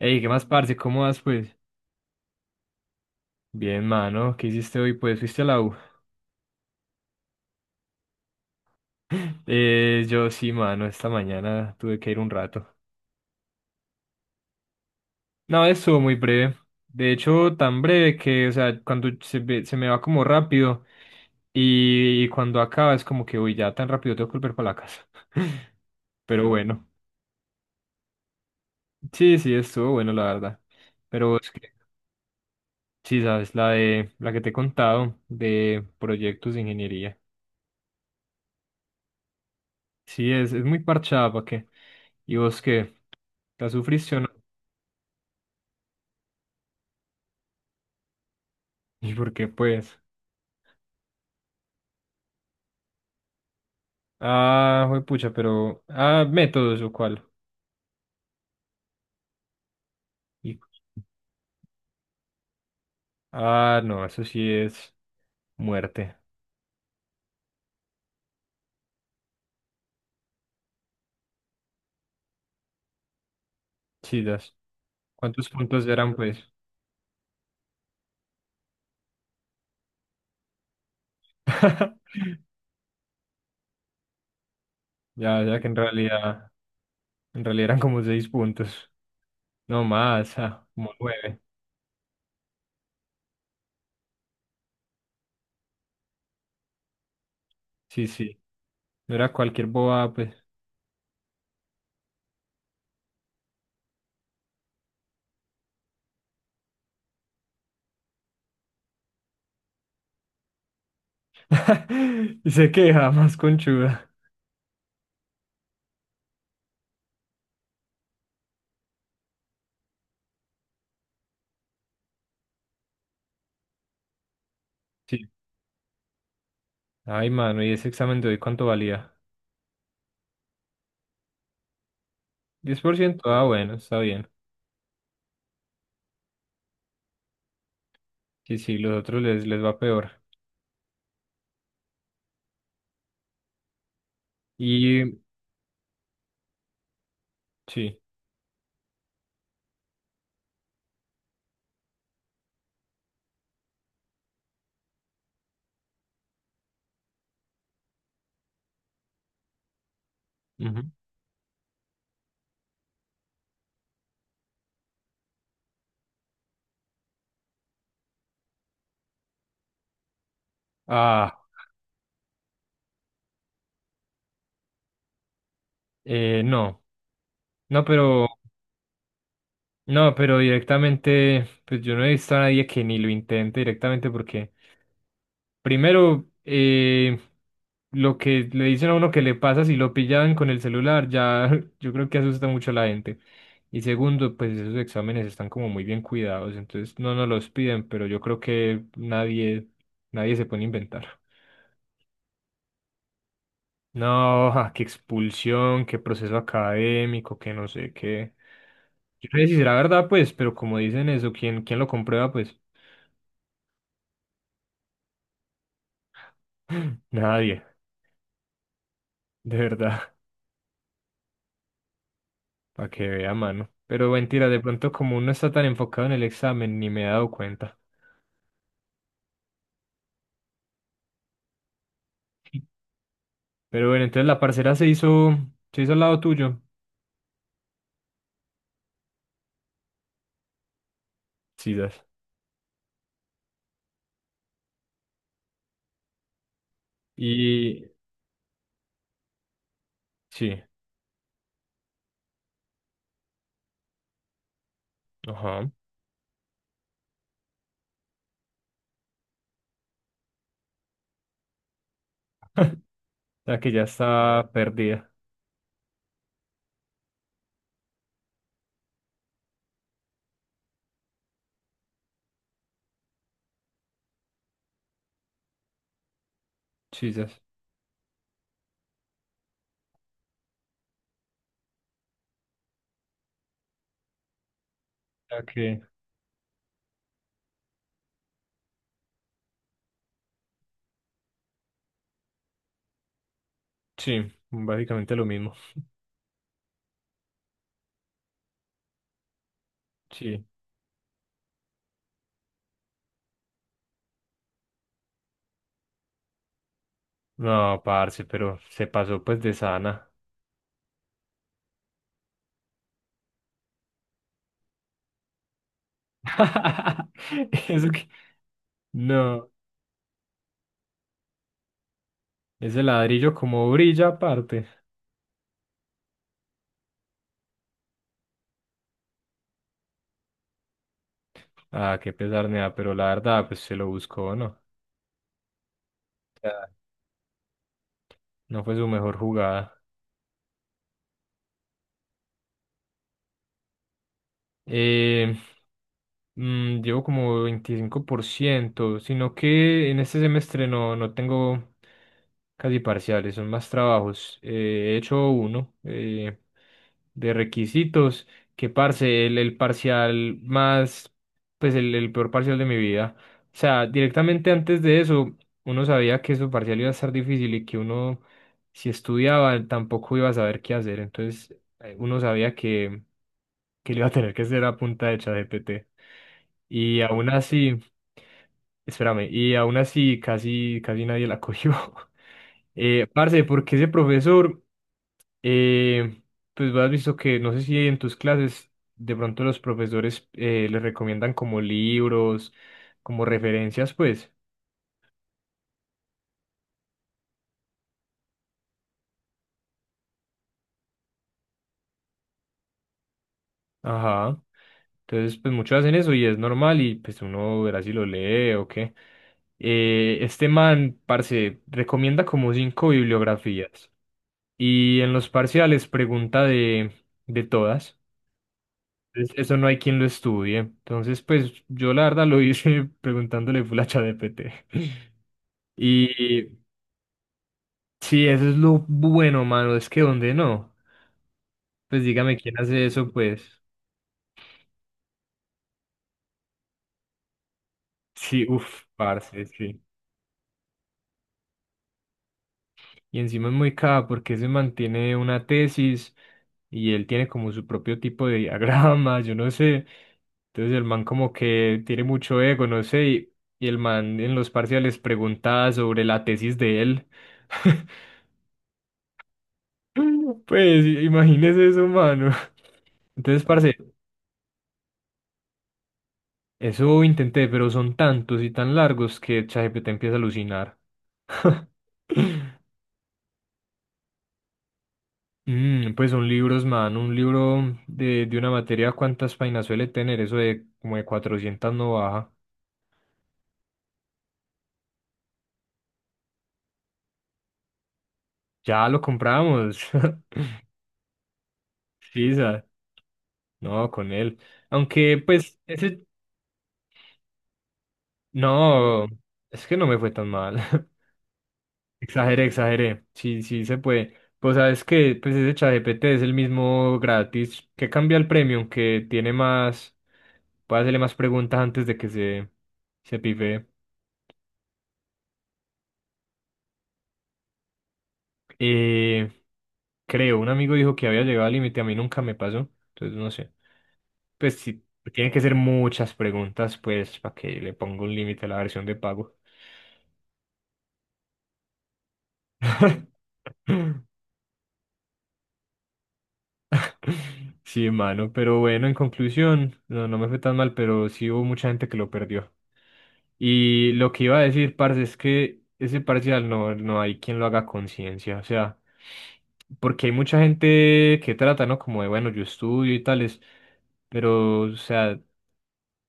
Ey, ¿qué más, parce? ¿Cómo vas, pues? Bien, mano. ¿Qué hiciste hoy? Pues, ¿fuiste a la U? Yo sí, mano. Esta mañana tuve que ir un rato. No, estuvo muy breve. De hecho, tan breve que, o sea, cuando se me va como rápido y cuando acaba es como que, uy, ya tan rápido tengo que volver para la casa. Pero bueno. Sí, sí, estuvo bueno, la verdad. Pero es que, sí, sabes, la que te he contado de proyectos de ingeniería. Sí, es muy parchada, ¿para qué? ¿Y vos qué? ¿La sufriste o no? ¿Y por qué, pues? Ah, Ah, métodos o cuál. Y- Ah, no, eso sí es muerte. Chidas. ¿Cuántos puntos eran, pues? Ya que En realidad eran como seis puntos. No más, como nueve. Sí, sí. No era cualquier boba, pues. Y se queja, más conchuda. Sí. Ay, mano, ¿y ese examen de hoy cuánto valía? 10%, ah, bueno, está bien. Sí, sí, los otros les va peor. Y sí. Ujú. Ah, no. No, pero, no, pero directamente, pues yo no he visto a nadie que ni lo intente directamente porque, primero, lo que le dicen a uno que le pasa si lo pillan con el celular, ya yo creo que asusta mucho a la gente. Y segundo, pues esos exámenes están como muy bien cuidados, entonces no nos los piden, pero yo creo que nadie se pone a inventar. No, ja, qué expulsión, qué proceso académico, que no sé qué. Yo no sé si será verdad, pues, pero como dicen eso, ¿quién lo comprueba? Pues nadie, de verdad, para que vea mano. Pero mentira, de pronto como uno está tan enfocado en el examen, ni me he dado cuenta. Pero bueno, entonces la parcera se hizo al lado tuyo. Sisas. Y sí, ajá. O sea que ya está perdida. Sisas. O sea que sí, básicamente lo mismo. Sí. No, parce, pero se pasó pues de sana. Eso que... No, ese ladrillo como brilla aparte. Ah, qué pesar, nea, pero la verdad, pues se lo buscó, ¿no? Sea, no fue su mejor jugada. Eh, Llevo como 25%, sino que en este semestre no tengo casi parciales, son más trabajos. He hecho uno, de requisitos, que parce, el parcial más, pues el peor parcial de mi vida. O sea, directamente antes de eso, uno sabía que su parcial iba a estar difícil y que uno, si estudiaba, tampoco iba a saber qué hacer. Entonces, uno sabía que lo iba a tener que hacer a punta de ChatGPT. Y aún así, espérame, y aún así casi nadie la cogió. Parce, porque ese profesor. Eh, pues has visto que no sé si en tus clases de pronto los profesores les recomiendan como libros, como referencias, pues. Ajá. Entonces, pues muchos hacen eso y es normal y pues uno verá si lo lee o qué. Este man, parce, recomienda como cinco bibliografías y en los parciales pregunta de todas. Entonces, eso no hay quien lo estudie. Entonces, pues yo la verdad lo hice preguntándole full a ChatGPT. Y Sí, eso es lo bueno, mano. Es que donde no. Pues dígame quién hace eso, pues. Sí, uff, parce, sí. Y encima es muy caro porque se mantiene una tesis y él tiene como su propio tipo de diagrama, yo no sé. Entonces el man como que tiene mucho ego, no sé. Y el man en los parciales pregunta sobre la tesis de él. Pues imagínese eso, mano. Entonces, parce. Eso intenté, pero son tantos y tan largos que ChatGPT empieza a alucinar. Pues son libros, man. Un libro de una materia, ¿cuántas páginas suele tener? Eso de como de 400 no baja. Ya lo compramos. Sí. No, con él. Aunque, pues, ese... No, es que no me fue tan mal. Exageré, exageré. Sí, sí se puede. Pues sabes que pues ese ChatGPT es el mismo gratis que cambia el premium, que tiene más, puede hacerle más preguntas antes de que se pife. Eh, Creo, un amigo dijo que había llegado al límite, a mí nunca me pasó, entonces no sé. Pues sí, tienen que ser muchas preguntas, pues, para que le ponga un límite a la versión de pago. Sí, mano, pero bueno, en conclusión, no me fue tan mal, pero sí hubo mucha gente que lo perdió. Y lo que iba a decir, parce, es que ese parcial no hay quien lo haga a conciencia, o sea, porque hay mucha gente que trata, ¿no? Como de, bueno, yo estudio y tales, pero, o sea,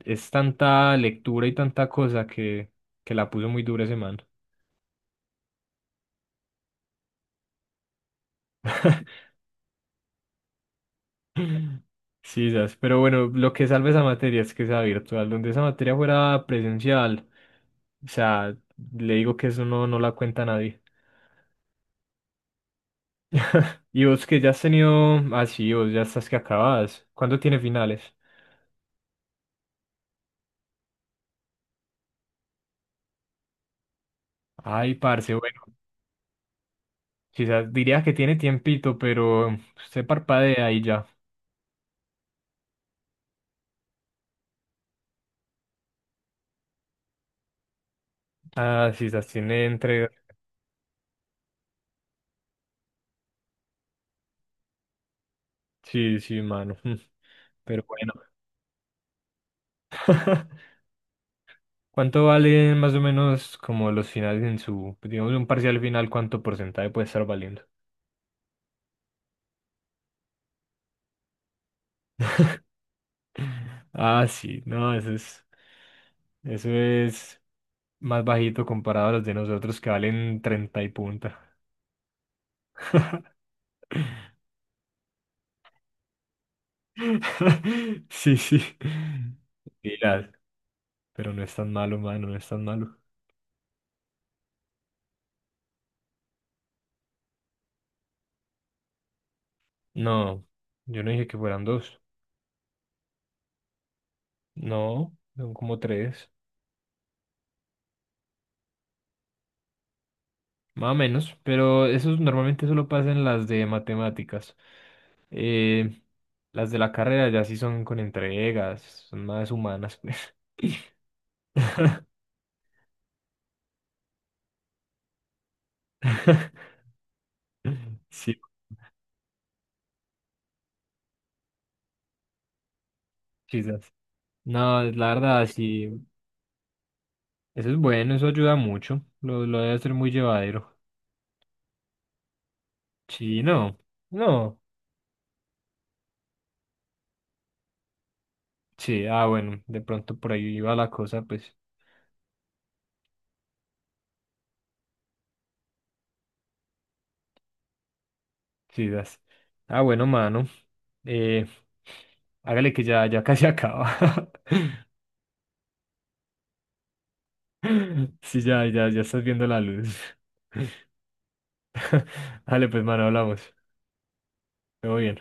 es tanta lectura y tanta cosa que la puso muy dura ese man. Sí, ¿sabes? Pero bueno, lo que salve esa materia es que sea virtual, donde esa materia fuera presencial. O sea, le digo que eso no la cuenta nadie. Y vos que ya has tenido, ah sí, vos ya estás que acabas. ¿Cuándo tiene finales? Ay, parce, bueno, quizás diría que tiene tiempito, pero se parpadea y ya. Ah, quizás tiene Sí, sí, mano. Pero bueno. ¿Cuánto valen más o menos como los finales en su, digamos, un parcial final, cuánto porcentaje puede estar valiendo? Ah, sí, no, eso es más bajito comparado a los de nosotros que valen 30 y punta. Sí, sí. Pilas, pero no es tan malo, mano, no es tan malo. No, yo no dije que fueran dos. No, son como tres, más o menos, pero eso normalmente solo pasa en las de matemáticas. Eh, las de la carrera ya sí son con entregas, son más humanas, pues. Sí, quizás. No, la verdad, sí, eso es bueno, eso ayuda mucho. Lo debe hacer muy llevadero. Sí, no, no. Sí, ah, bueno, de pronto por ahí iba la cosa, pues, quizás. Ah, bueno, mano. Eh, Hágale que ya casi acaba. Sí, ya, ya, ya estás viendo la luz. Dale, pues, mano, hablamos. Todo bien.